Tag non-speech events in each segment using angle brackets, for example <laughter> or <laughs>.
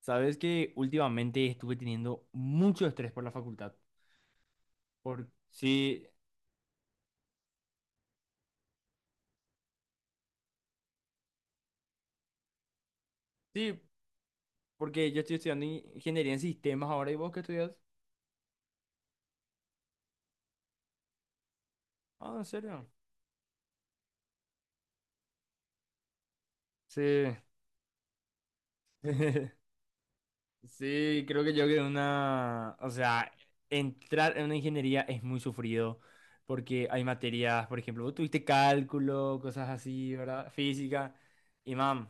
Sabes que últimamente estuve teniendo mucho estrés por la facultad. Sí, sí, porque yo estoy estudiando ingeniería en sistemas ahora y vos qué estudias. Ah, ¿en serio? Sí. <laughs> Sí, creo que yo que una, o sea, entrar en una ingeniería es muy sufrido porque hay materias, por ejemplo, vos tuviste cálculo, cosas así, ¿verdad? Física. Y mam,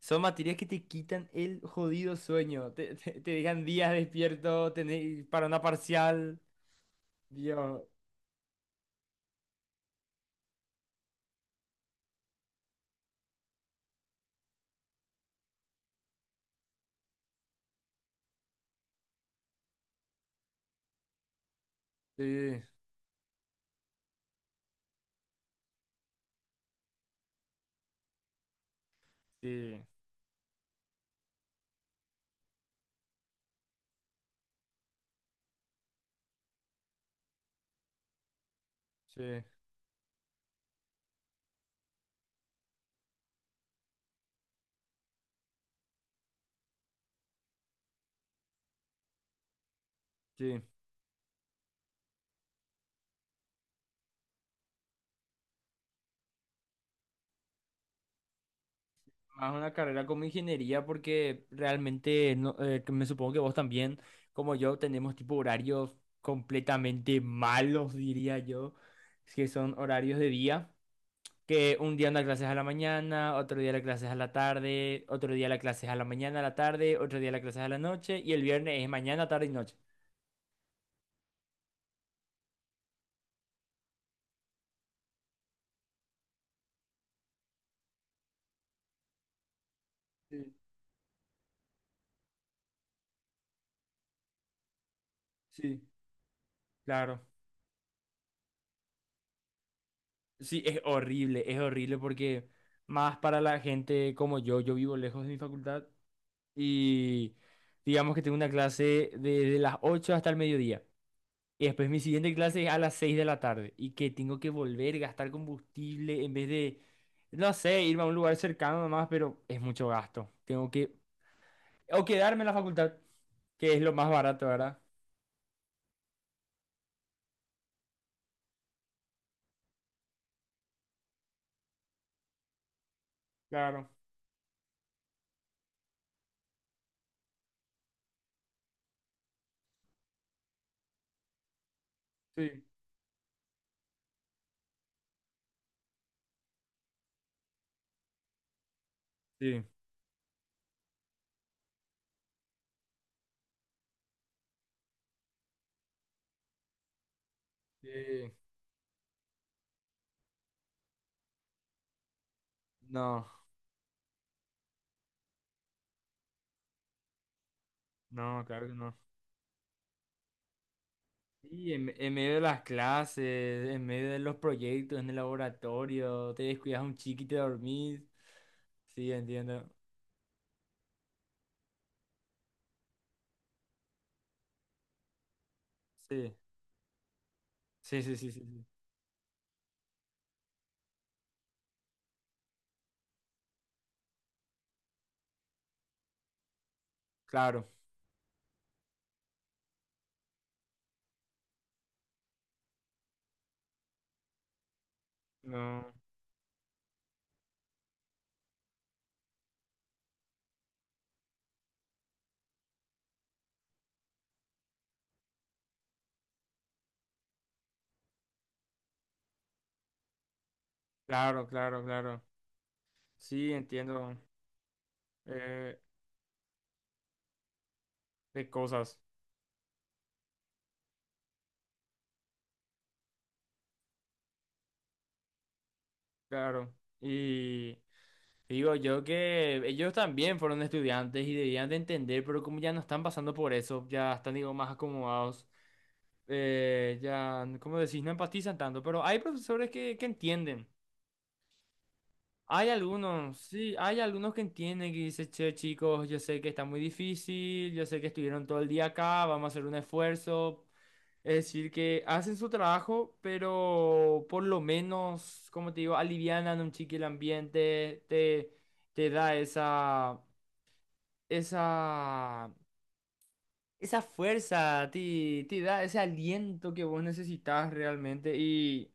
Son materias que te quitan el jodido sueño. Te dejan días despierto tenés, para una parcial. Dios. Sí, sí, sí, sí. Más una carrera como ingeniería porque realmente no, que me supongo que vos también, como yo, tenemos tipo horarios completamente malos, diría yo, que son horarios de día. Que un día una clase es a la mañana, otro día la clase es a la tarde, otro día la clase es a la mañana, a la tarde, otro día la clase es a la noche y el viernes es mañana, tarde y noche. Sí, sí. Claro. Sí, es horrible porque más para la gente como yo vivo lejos de mi facultad y digamos que tengo una clase desde las 8 hasta el mediodía. Y después mi siguiente clase es a las 6 de la tarde y que tengo que volver, gastar combustible en vez de, no sé, irme a un lugar cercano nomás, pero es mucho gasto. Tengo que, o quedarme en la facultad, que es lo más barato, ¿verdad? Claro, sí. Sí. Sí. No, no, claro que no. Y en medio de las clases, en medio de los proyectos, en el laboratorio, te descuidas un chiqui y te dormís. Sí, entiendo. Sí, sí, sí, sí, sí. Sí. Claro. No, claro, claro, claro. Sí, entiendo, eh, de cosas, claro. Y digo yo que ellos también fueron estudiantes y debían de entender, pero como ya no están pasando por eso, ya están, digo, más acomodados, ya, como decís, no empatizan tanto, pero hay profesores que entienden. Hay algunos, sí, hay algunos que entienden que dicen, che, chicos, yo sé que está muy difícil, yo sé que estuvieron todo el día acá, vamos a hacer un esfuerzo. Es decir, que hacen su trabajo, pero por lo menos, como te digo, alivianan un chiqui el ambiente, te da esa, esa, esa fuerza, te da ese aliento que vos necesitas realmente. Y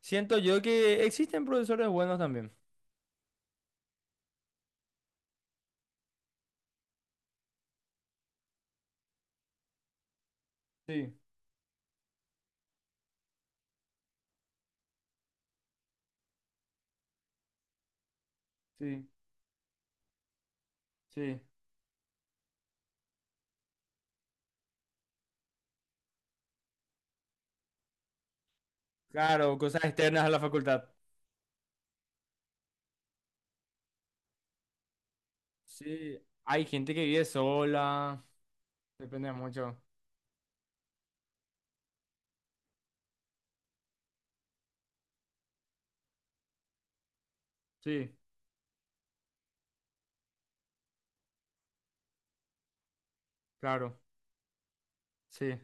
siento yo que existen profesores buenos también. Sí, sí, sí. Claro, cosas externas a la facultad. Sí, hay gente que vive sola, depende mucho. Sí, claro, sí.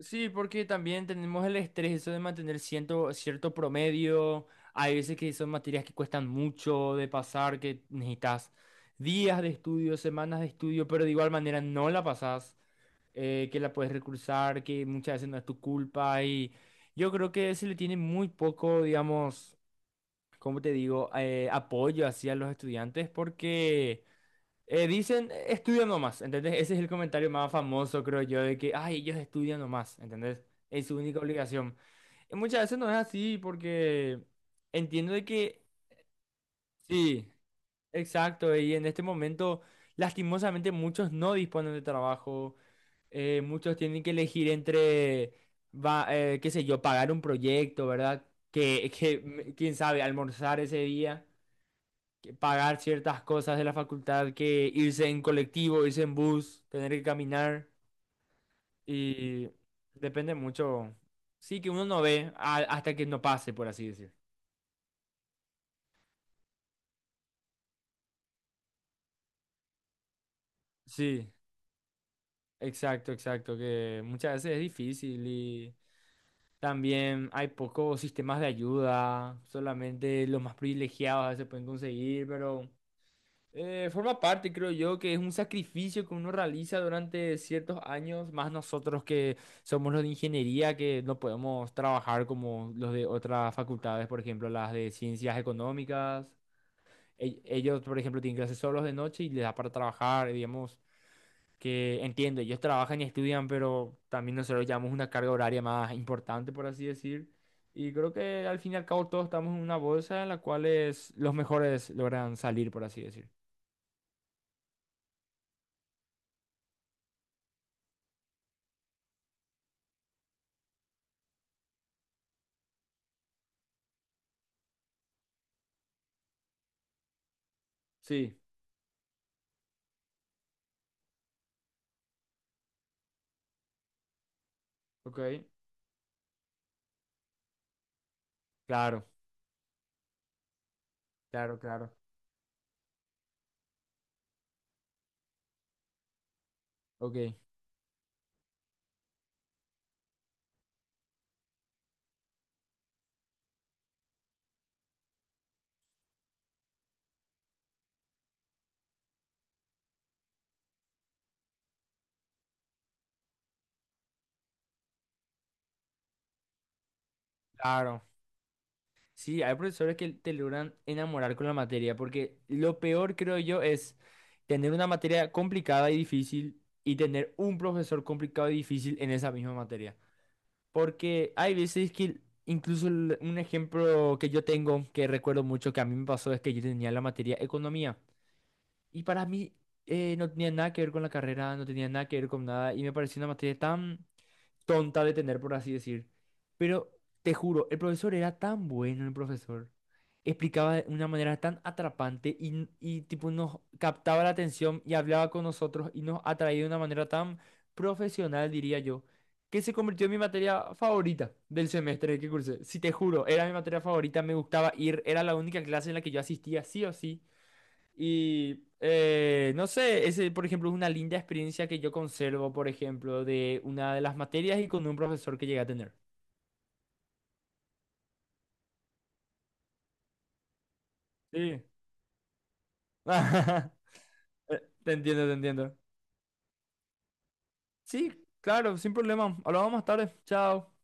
Sí, porque también tenemos el estrés eso de mantener cierto promedio. Hay veces que son materias que cuestan mucho de pasar, que necesitas días de estudio, semanas de estudio, pero de igual manera no la pasas, que la puedes recursar, que muchas veces no es tu culpa. Y yo creo que se le tiene muy poco, digamos, ¿cómo te digo? Apoyo hacia los estudiantes porque... dicen, estudia nomás, ¿entendés?" Ese es el comentario más famoso, creo yo, de que, ay, ellos estudian nomás, ¿entendés? Es su única obligación. Y muchas veces no es así porque entiendo de que, sí, exacto, y en este momento, lastimosamente, muchos no disponen de trabajo, muchos tienen que elegir entre, va, qué sé yo, pagar un proyecto, ¿verdad? Que, quién sabe, almorzar ese día, que pagar ciertas cosas de la facultad, que irse en colectivo, irse en bus, tener que caminar y depende mucho. Sí, que uno no ve hasta que no pase, por así decir. Sí, exacto, exacto, que muchas veces es difícil y también hay pocos sistemas de ayuda, solamente los más privilegiados a veces pueden conseguir, pero eh, forma parte, creo yo, que es un sacrificio que uno realiza durante ciertos años, más nosotros que somos los de ingeniería, que no podemos trabajar como los de otras facultades, por ejemplo, las de ciencias económicas. Ellos, por ejemplo, tienen clases solos de noche y les da para trabajar, digamos, que entiendo, ellos trabajan y estudian, pero también nosotros llevamos una carga horaria más importante, por así decir. Y creo que al fin y al cabo todos estamos en una bolsa en la cual es- los mejores logran salir, por así decir. Sí. Ok, claro, claro, claro. Ok, claro. Sí, hay profesores que te logran enamorar con la materia, porque lo peor, creo yo, es tener una materia complicada y difícil y tener un profesor complicado y difícil en esa misma materia. Porque hay veces que, incluso un ejemplo que yo tengo, que recuerdo mucho que a mí me pasó, es que yo tenía la materia economía. Y para mí no tenía nada que ver con la carrera, no tenía nada que ver con nada, y me pareció una materia tan tonta de tener, por así decir. Pero te juro, el profesor era tan bueno, el profesor. Explicaba de una manera tan atrapante y, tipo nos captaba la atención y hablaba con nosotros y nos atraía de una manera tan profesional, diría yo, que se convirtió en mi materia favorita del semestre que cursé. Si te juro, era mi materia favorita, me gustaba ir, era la única clase en la que yo asistía sí o sí. Y no sé, ese, por ejemplo, es una linda experiencia que yo conservo, por ejemplo, de una de las materias y con un profesor que llegué a tener. Sí. <laughs> Te entiendo, te entiendo. Sí, claro, sin problema. Hablamos más tarde. Chao.